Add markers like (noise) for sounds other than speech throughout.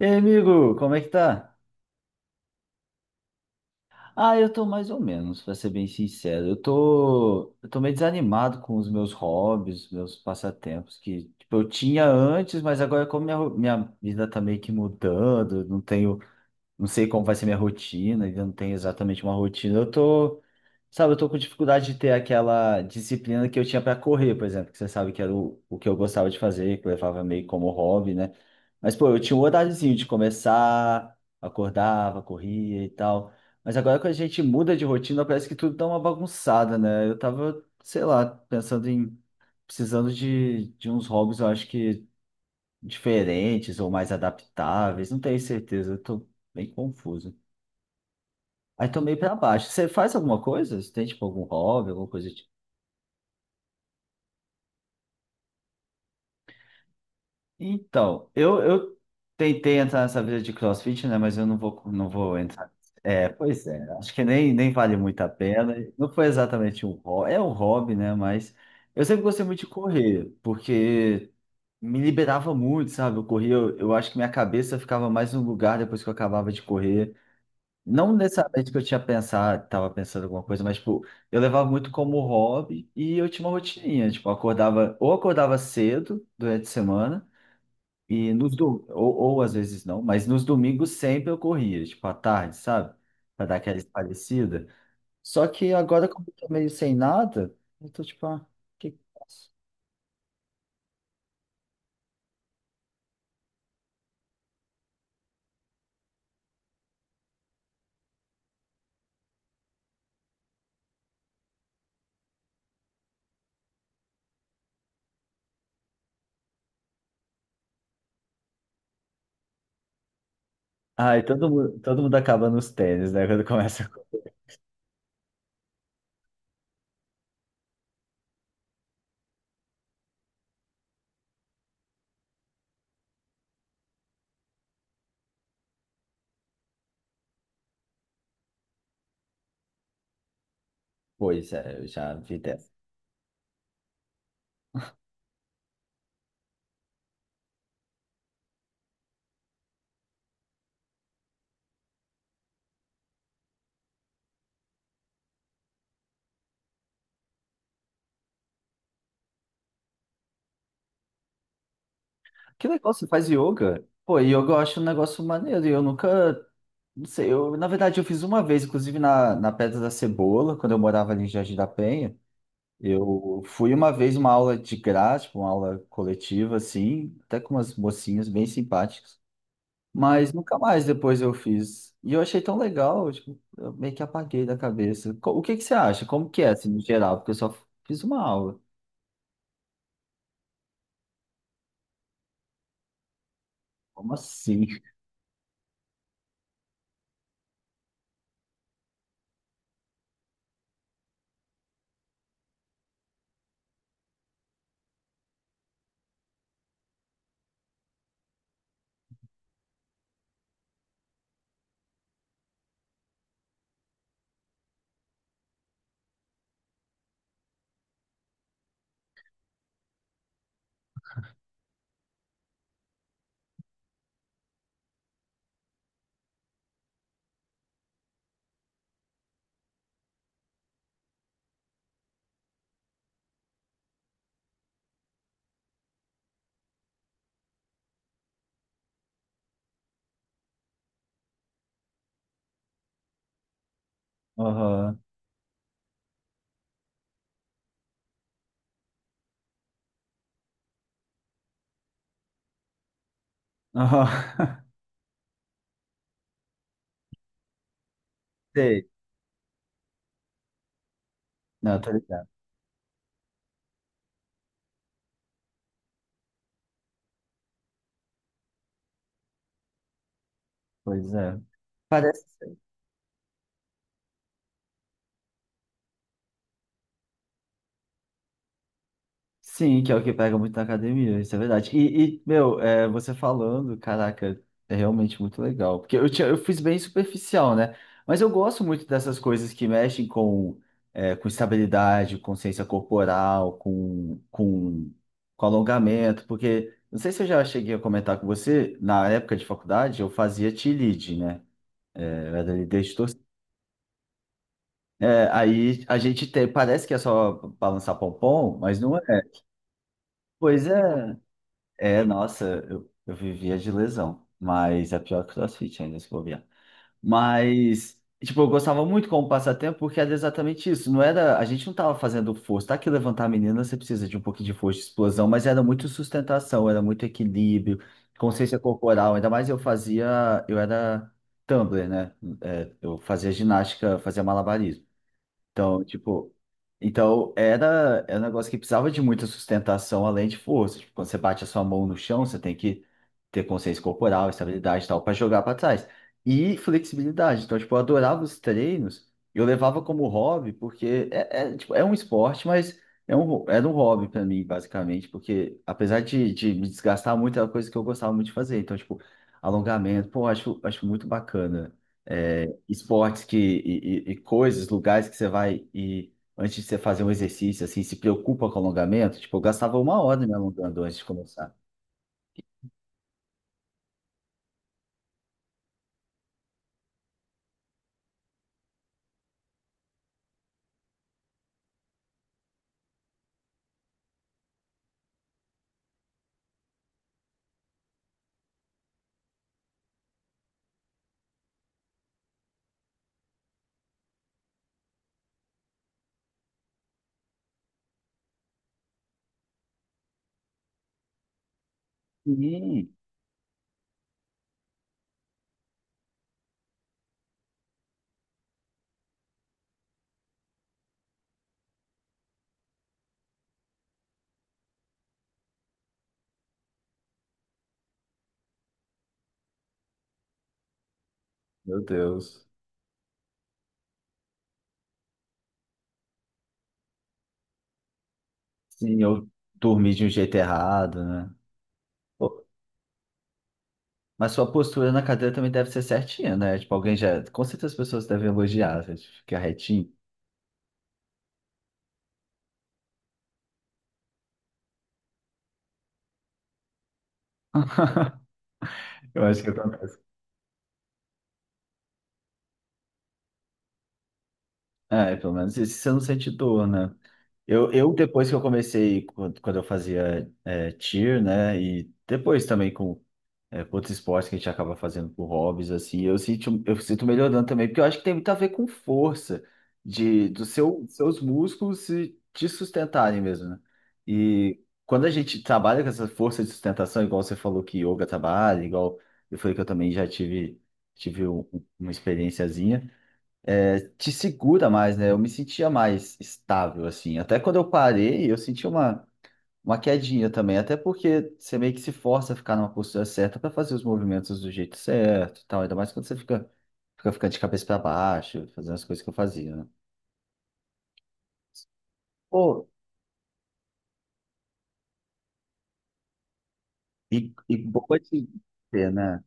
E aí, amigo, como é que tá? Ah, eu tô mais ou menos, pra ser bem sincero. Eu tô meio desanimado com os meus hobbies, meus passatempos que, tipo, eu tinha antes, mas agora como minha vida tá meio que mudando, eu não tenho, não sei como vai ser minha rotina, ainda não tenho exatamente uma rotina. Eu tô Sabe, eu tô com dificuldade de ter aquela disciplina que eu tinha para correr, por exemplo, que você sabe que era o que eu gostava de fazer, que eu levava meio como hobby, né? Mas, pô, eu tinha um horáriozinho de começar, acordava, corria e tal. Mas agora quando a gente muda de rotina, parece que tudo dá uma bagunçada, né? Eu tava, sei lá, pensando em precisando de uns hobbies, eu acho que diferentes ou mais adaptáveis, não tenho certeza, eu tô bem confuso. Aí tô meio pra baixo. Você faz alguma coisa? Você tem, tipo, algum hobby, alguma coisa? Então, eu tentei entrar nessa vida de CrossFit, né? Mas eu não vou entrar. É, pois é, acho que nem vale muito a pena. Não foi exatamente um hobby, é um hobby, né? Mas eu sempre gostei muito de correr, porque me liberava muito, sabe? Eu corria, eu acho que minha cabeça ficava mais no lugar depois que eu acabava de correr. Não necessariamente que eu tinha pensado, estava pensando alguma coisa, mas tipo, eu levava muito como hobby e eu tinha uma rotininha, tipo, eu acordava, ou acordava cedo durante a semana. E ou às vezes não, mas nos domingos sempre eu corria, tipo à tarde, sabe? Pra dar aquela espairecida. Só que agora, como eu tô meio sem nada, eu tô tipo, ah, o que que eu faço? Ai, todo mundo acaba nos tênis, né? (laughs) Quando Pois é, eu já vi dessa. Que legal, você faz yoga? Pô, yoga eu acho um negócio maneiro, e eu nunca. Não sei, eu, na verdade, eu fiz uma vez, inclusive na Pedra da Cebola, quando eu morava ali em Jardim da Penha. Eu fui uma vez uma aula de graça, tipo, uma aula coletiva, assim, até com umas mocinhas bem simpáticas, mas nunca mais depois eu fiz. E eu achei tão legal, tipo, eu meio que apaguei da cabeça. O que que você acha? Como que é, assim, no geral? Porque eu só fiz uma aula. Como assim? Aham. Aham. (laughs) Sei. Não, tô ligado. Pois é. Sim, que é o que pega muito na academia, isso é verdade. Você falando, caraca, é realmente muito legal. Porque eu fiz bem superficial, né? Mas eu gosto muito dessas coisas que mexem com estabilidade, consciência corporal, com alongamento. Porque, não sei se eu já cheguei a comentar com você, na época de faculdade, eu fazia T-lead, né? Eu era líder de torcida. É, aí a gente tem, parece que é só balançar pompom, mas não é. Pois é, é, nossa, eu vivia de lesão, mas é pior que o CrossFit ainda, se bobear. Mas, tipo, eu gostava muito como passatempo porque era exatamente isso. Não era, a gente não tava fazendo força, tá? Que levantar a menina você precisa de um pouquinho de força, de explosão, mas era muito sustentação, era muito equilíbrio, consciência corporal. Ainda mais eu fazia, eu era tumbler, né? É, eu fazia ginástica, fazia malabarismo. Então, tipo, então era um negócio que precisava de muita sustentação além de força. Tipo, quando você bate a sua mão no chão, você tem que ter consciência corporal, estabilidade e tal, para jogar para trás. E flexibilidade. Então, tipo, eu adorava os treinos, eu levava como hobby, porque é um esporte, mas é era um hobby para mim, basicamente, porque apesar de me desgastar muito, era uma coisa que eu gostava muito de fazer. Então, tipo, alongamento, pô, acho muito bacana esportes que e coisas, lugares que você vai e antes de você fazer um exercício, assim, se preocupa com alongamento. Tipo, eu gastava uma hora me alongando antes de começar. Sim, meu Deus. Sim, eu dormi de um jeito errado, né? Pô, mas sua postura na cadeira também deve ser certinha, né? Tipo, alguém já. Com certeza as pessoas devem elogiar, você fica retinho. Eu acho que eu também. É, pelo menos isso você não sente dor, né? Eu depois que eu comecei, quando eu fazia é, cheer, né? E depois também com é, com outros esportes que a gente acaba fazendo por hobbies, assim, eu sinto melhorando também, porque eu acho que tem muito a ver com força de seus músculos se te sustentarem mesmo, né? E quando a gente trabalha com essa força de sustentação, igual você falou que yoga trabalha, igual eu falei que eu também já tive, tive uma experiênciazinha, é, te segura mais, né? Eu me sentia mais estável, assim. Até quando eu parei, eu senti uma quedinha também, até porque você meio que se força a ficar numa postura certa para fazer os movimentos do jeito certo, e tal, ainda mais quando você fica ficando de cabeça para baixo, fazendo as coisas que eu fazia, né? Pô, e boa de ver, né?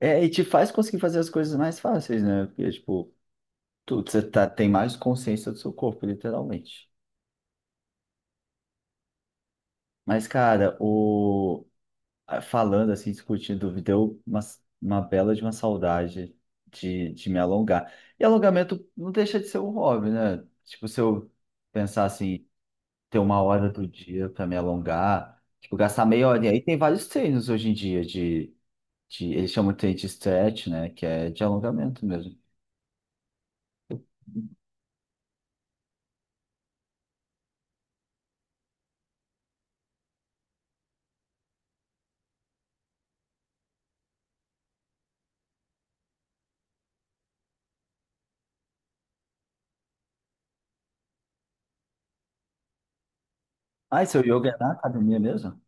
É, e te faz conseguir fazer as coisas mais fáceis, né? Porque, tipo, você tá, tem mais consciência do seu corpo, literalmente. Mas, cara, falando assim, discutindo, me deu uma bela de uma saudade de me alongar. E alongamento não deixa de ser um hobby, né? Tipo, se eu pensar assim, ter uma hora do dia para me alongar, tipo, gastar meia hora. E aí tem vários treinos hoje em dia de eles chamam de treino de stretch, né? Que é de alongamento mesmo. Ah, e seu yoga é na academia mesmo?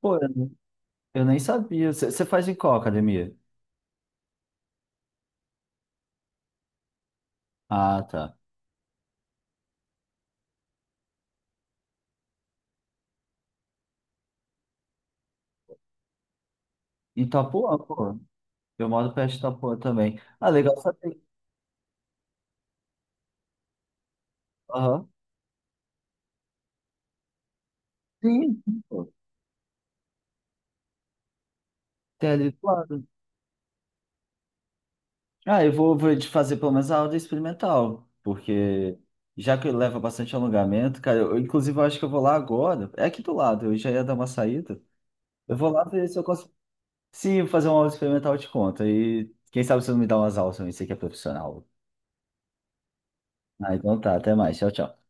Pô, eu nem sabia. Você faz em qual academia? Ah, tá. Em Itapuã, pô. Eu moro perto de Itapuã também. Ah, legal saber. Aham. Sim, sim, pô. Tem ali do lado. Ah, eu vou de fazer pelo menos a aula experimental, porque já que leva bastante alongamento, cara, eu, inclusive eu acho que eu vou lá agora. É aqui do lado, eu já ia dar uma saída. Eu vou lá ver se eu consigo. Se eu fazer uma aula experimental, eu te conto. E quem sabe você não me dá umas aulas também, você que é profissional. Ah, então tá, até mais. Tchau, tchau.